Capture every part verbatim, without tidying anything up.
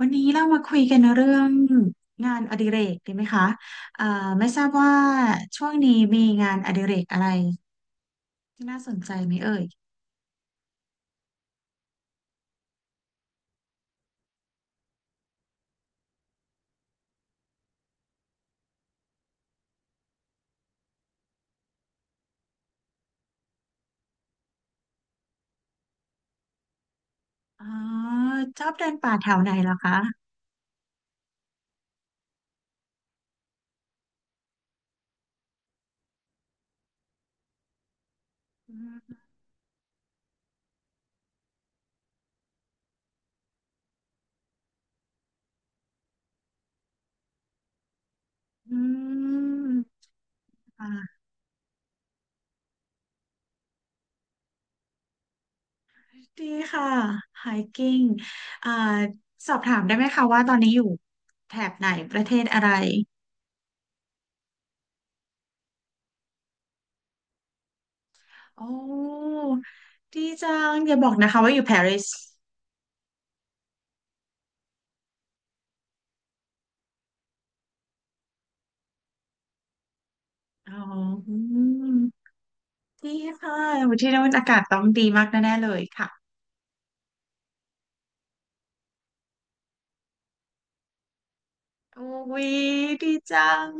วันนี้เรามาคุยกันเรื่องงานอดิเรกดีไหมคะเอ่อไม่ทราบว่าช่วงนี้มีงานอดิเรกอะไรที่น่าสนใจไหมเอ่ยอ๋อชอบเดินป่าแถวไหนเหรอคะ อืมอืมอ่าดีค่ะ hiking อ่าสอบถามได้ไหมคะว่าตอนนี้อยู่แถบไหนประเทศอะไร โอ้ดีจังอย่าบอกนะคะว่าอยู่ปารีสอ๋อ ดีค่ะที่นั่นอากาศต้องดีมากแน่ๆเลยค่ะ โอ้ยดีจัง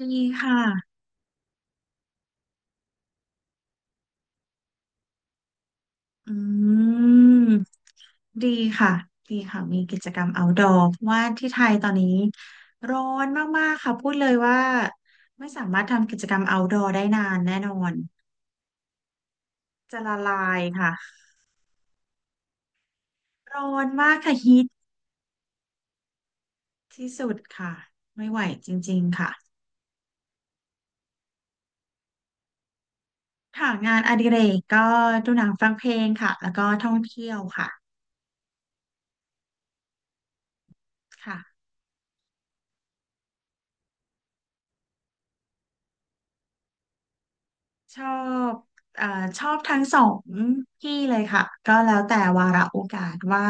ดีค่ะ อืม ดีค่ะ ดีค่ะ มีกิจกรรม outdoor เพราะว่าที่ไทยตอนนี้ร้อนมากๆค่ะพูดเลยว่าไม่สามารถทำกิจกรรม outdoor ได้นานแน่นอนจะละลายค่ะร้อนมากค่ะฮีทที่สุดค่ะ ไม่ไหวจริงๆค่ะค่ะงานอดิเรกก็ดูหนังฟังเพลงค่ะแล้วก็ท่องเที่ยวค่ะค่ะ ชอบเอ่อชอบทั้งสองที่เลยค่ะ ก็แล้วแต่วาระโอกาสว่า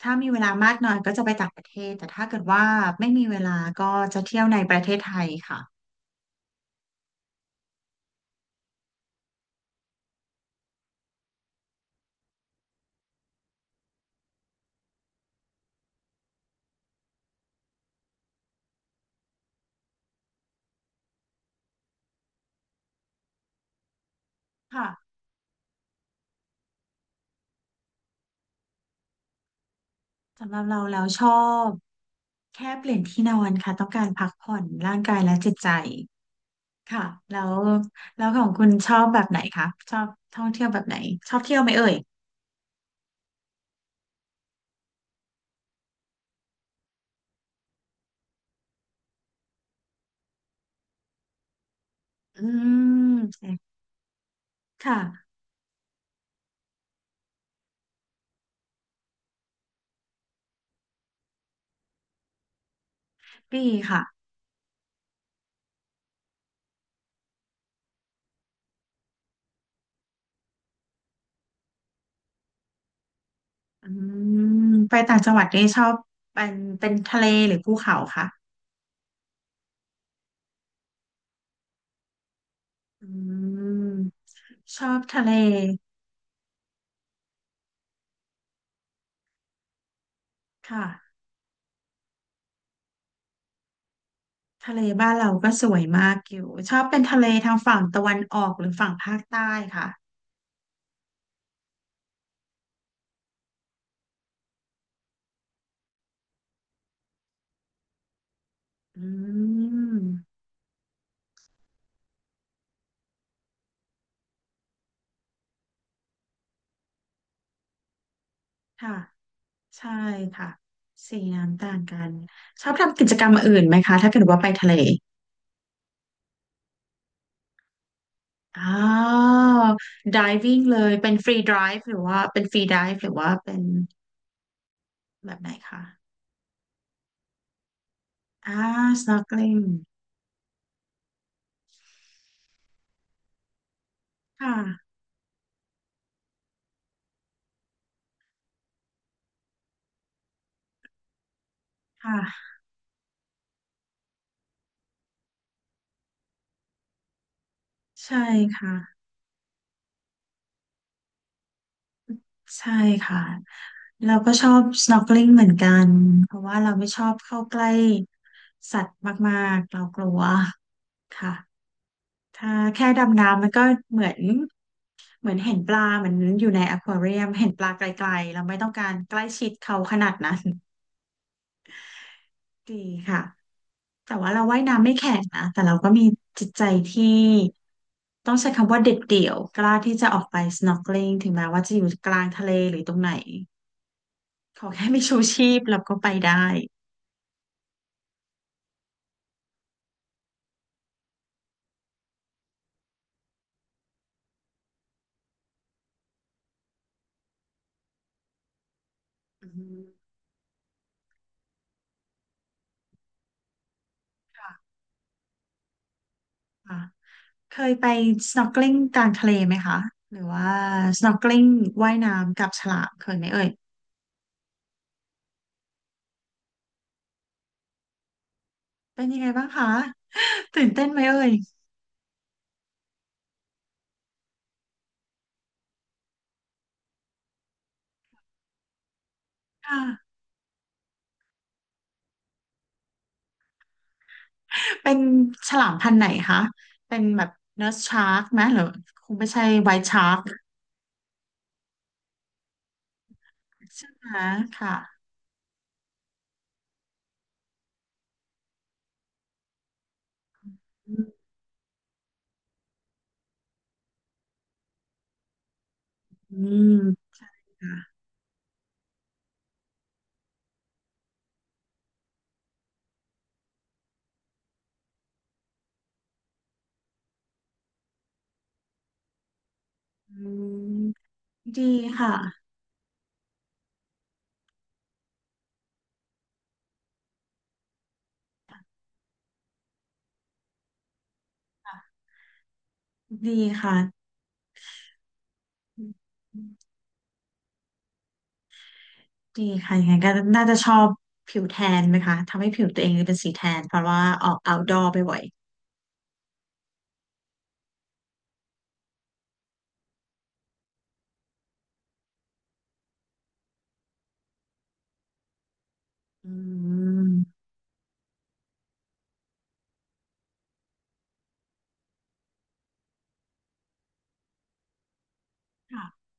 ถ้ามีเวลามากหน่อยก็จะไปต่างประเทศแต่ถ้าเกิดว่าไม่มีเวลาก็จะเที่ยวในประเทศไทยค่ะค่ะสำหรับเราแล้วชอบแค่เปลี่ยนที่นอนค่ะต้องการพักผ่อนร่างกายและจิตใจค่ะแล้วแล้วของคุณชอบแบบไหนคะชอบท่องเที่ยวแบบไหนชอบเที่ยวไหมเอ่ยอืมค่ะดีค่ะ อืมไปต่างจังหวัดนี่ชอบเป็นเป็นทะเลหรือภูเขาคะอืมชอบทะเลค่ะทะเลบ้านเราก็สวยมากอยู่ชอบเป็นทะเลทางฝั่งตะวันออกหรือฝั่งภาคใต้ค่ะอืมค่ะใช่ค่ะสีน้ำต่างกันชอบทำกิจกรรมอื่นไหมคะถ้าเกิดว่าไปทะเลอ๋อ diving เลยเป็น free dive หรือว่าเป็น free dive หรือว่าเป็นแบบไหนคะอ่า snorkeling ค่ะค่ะใช่ค่ะ ใช่ค่ะ เราก็ชอบ snorkeling เหมือนกัน เพราะว่าเราไม่ชอบเข้าใกล้สัตว์มากๆ เรากลัวค่ะถ้าแค่ดำน้ำมันก็เหมือนเหมือนเห็นปลาเหมือนอยู่ในอควาเรียมเห็นปลาไกลๆ เราไม่ต้องการใกล้ชิดเขาขนาดนั้นดีค่ะ แต่ว่าเราว่ายน้ำไม่แข็งนะ แต่เราก็มีจิตใจที่ต้องใช้คำว่าเด็ดเดี่ยวกล้าที่จะออกไป snorkeling ถึงแม้ว่าจะอยู่กลางทะเลหรือตรงไหน ขอแค่มีชูชีพเราก็ไปได้อืมค่ะค่ะเคยไป snorkeling กลางทะเลไหมคะหรือว่า snorkeling ว่ายน้ำกับฉลามเคยไหมเอ่ยเป็นยังไงบ้างคะ ตื่นเต้นไหมเอ่ยค่ะเป็นฉลามพันธุ์ไหนคะเป็นแบบเน r ร์ s ชาร์กไหมหรือคงไม่ใช่ไวท์ชาร์กใช่ไหมค่ะอืมค่ะอืมดีค่ะดีค่ะ ดีค่ะ ยังไงก็น่าจะชอบผิวแทนไหมคะ ทำให้ผิวตัวเองเป็นสีแทนเพราะว่าออก outdoor ไปบ่อยๆอืมค่ะ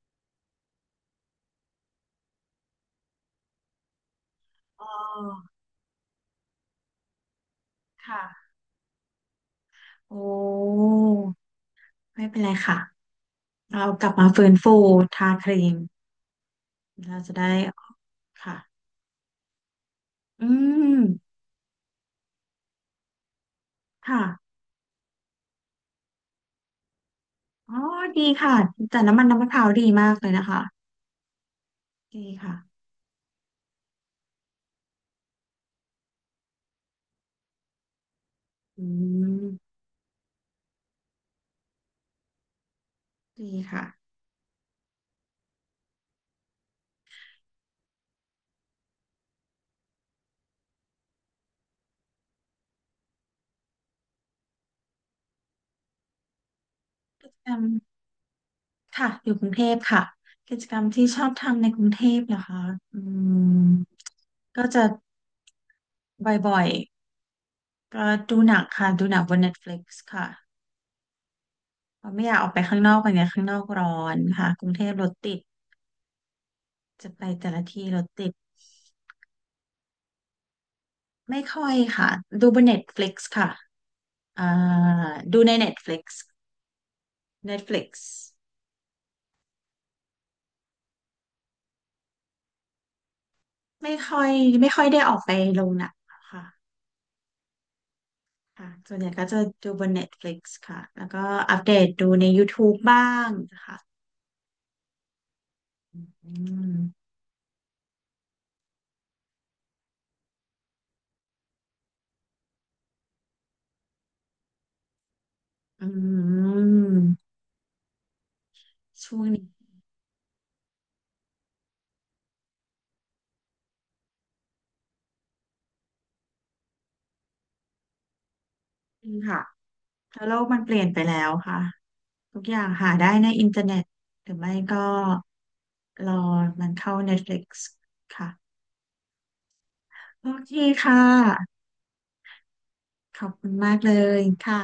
อ๋อ ค่ะ โอ้ ไม่เป็นไรค่ะเรากลับมาฟื้นฟูทาครีมเราจะได้ค่ะอืมค่ะ อ๋อ ดีค่ะ แต่น้ำมันน้ำมะพร้าวดีมากเลยนะคะ ดีค่ะอืมดีค่ะ ค่ะอยู่กรุงเทพค่ะกิจกรรมที่ชอบทำในกรุงเทพเหรอคะอืมก็จะบ่อยๆก็ดูหนังค่ะดูหนังบนเน็ตฟลิก i ์ค่ะเพราะไม่อยากออกไปข้างนอกไปไงข้างนอกร้อนค่ะกรุงเทพรถติดจะไปแต่ละที่รถติดไม่ค่อยค่ะดูบนเน็ต e t ิก i ์ค่ะอ่าดูในเน็ตฟลิก t f เ i ็ n ฟลิ l i ์ไม่ค่อยไม่ค่อยได้ออกไปลงหนังค่ะค่ะส่วนใหญ่ก็จะดูบนเน็ต e t ิก i ์ค่ะแล้วก็อัปเดตดูในย o ทูบ e บ้างนะคะ อืมอืมช่วงนี้ค่ะเพราโลกมันเปลี่ยนไปแล้วค่ะทุกอย่างหาได้ในอินเทอร์เน็ตหรือไม่ก็รอมันเข้า เน็ตฟลิกซ์ ค่ะโอเคค่ะขอบคุณมากเลยค่ะ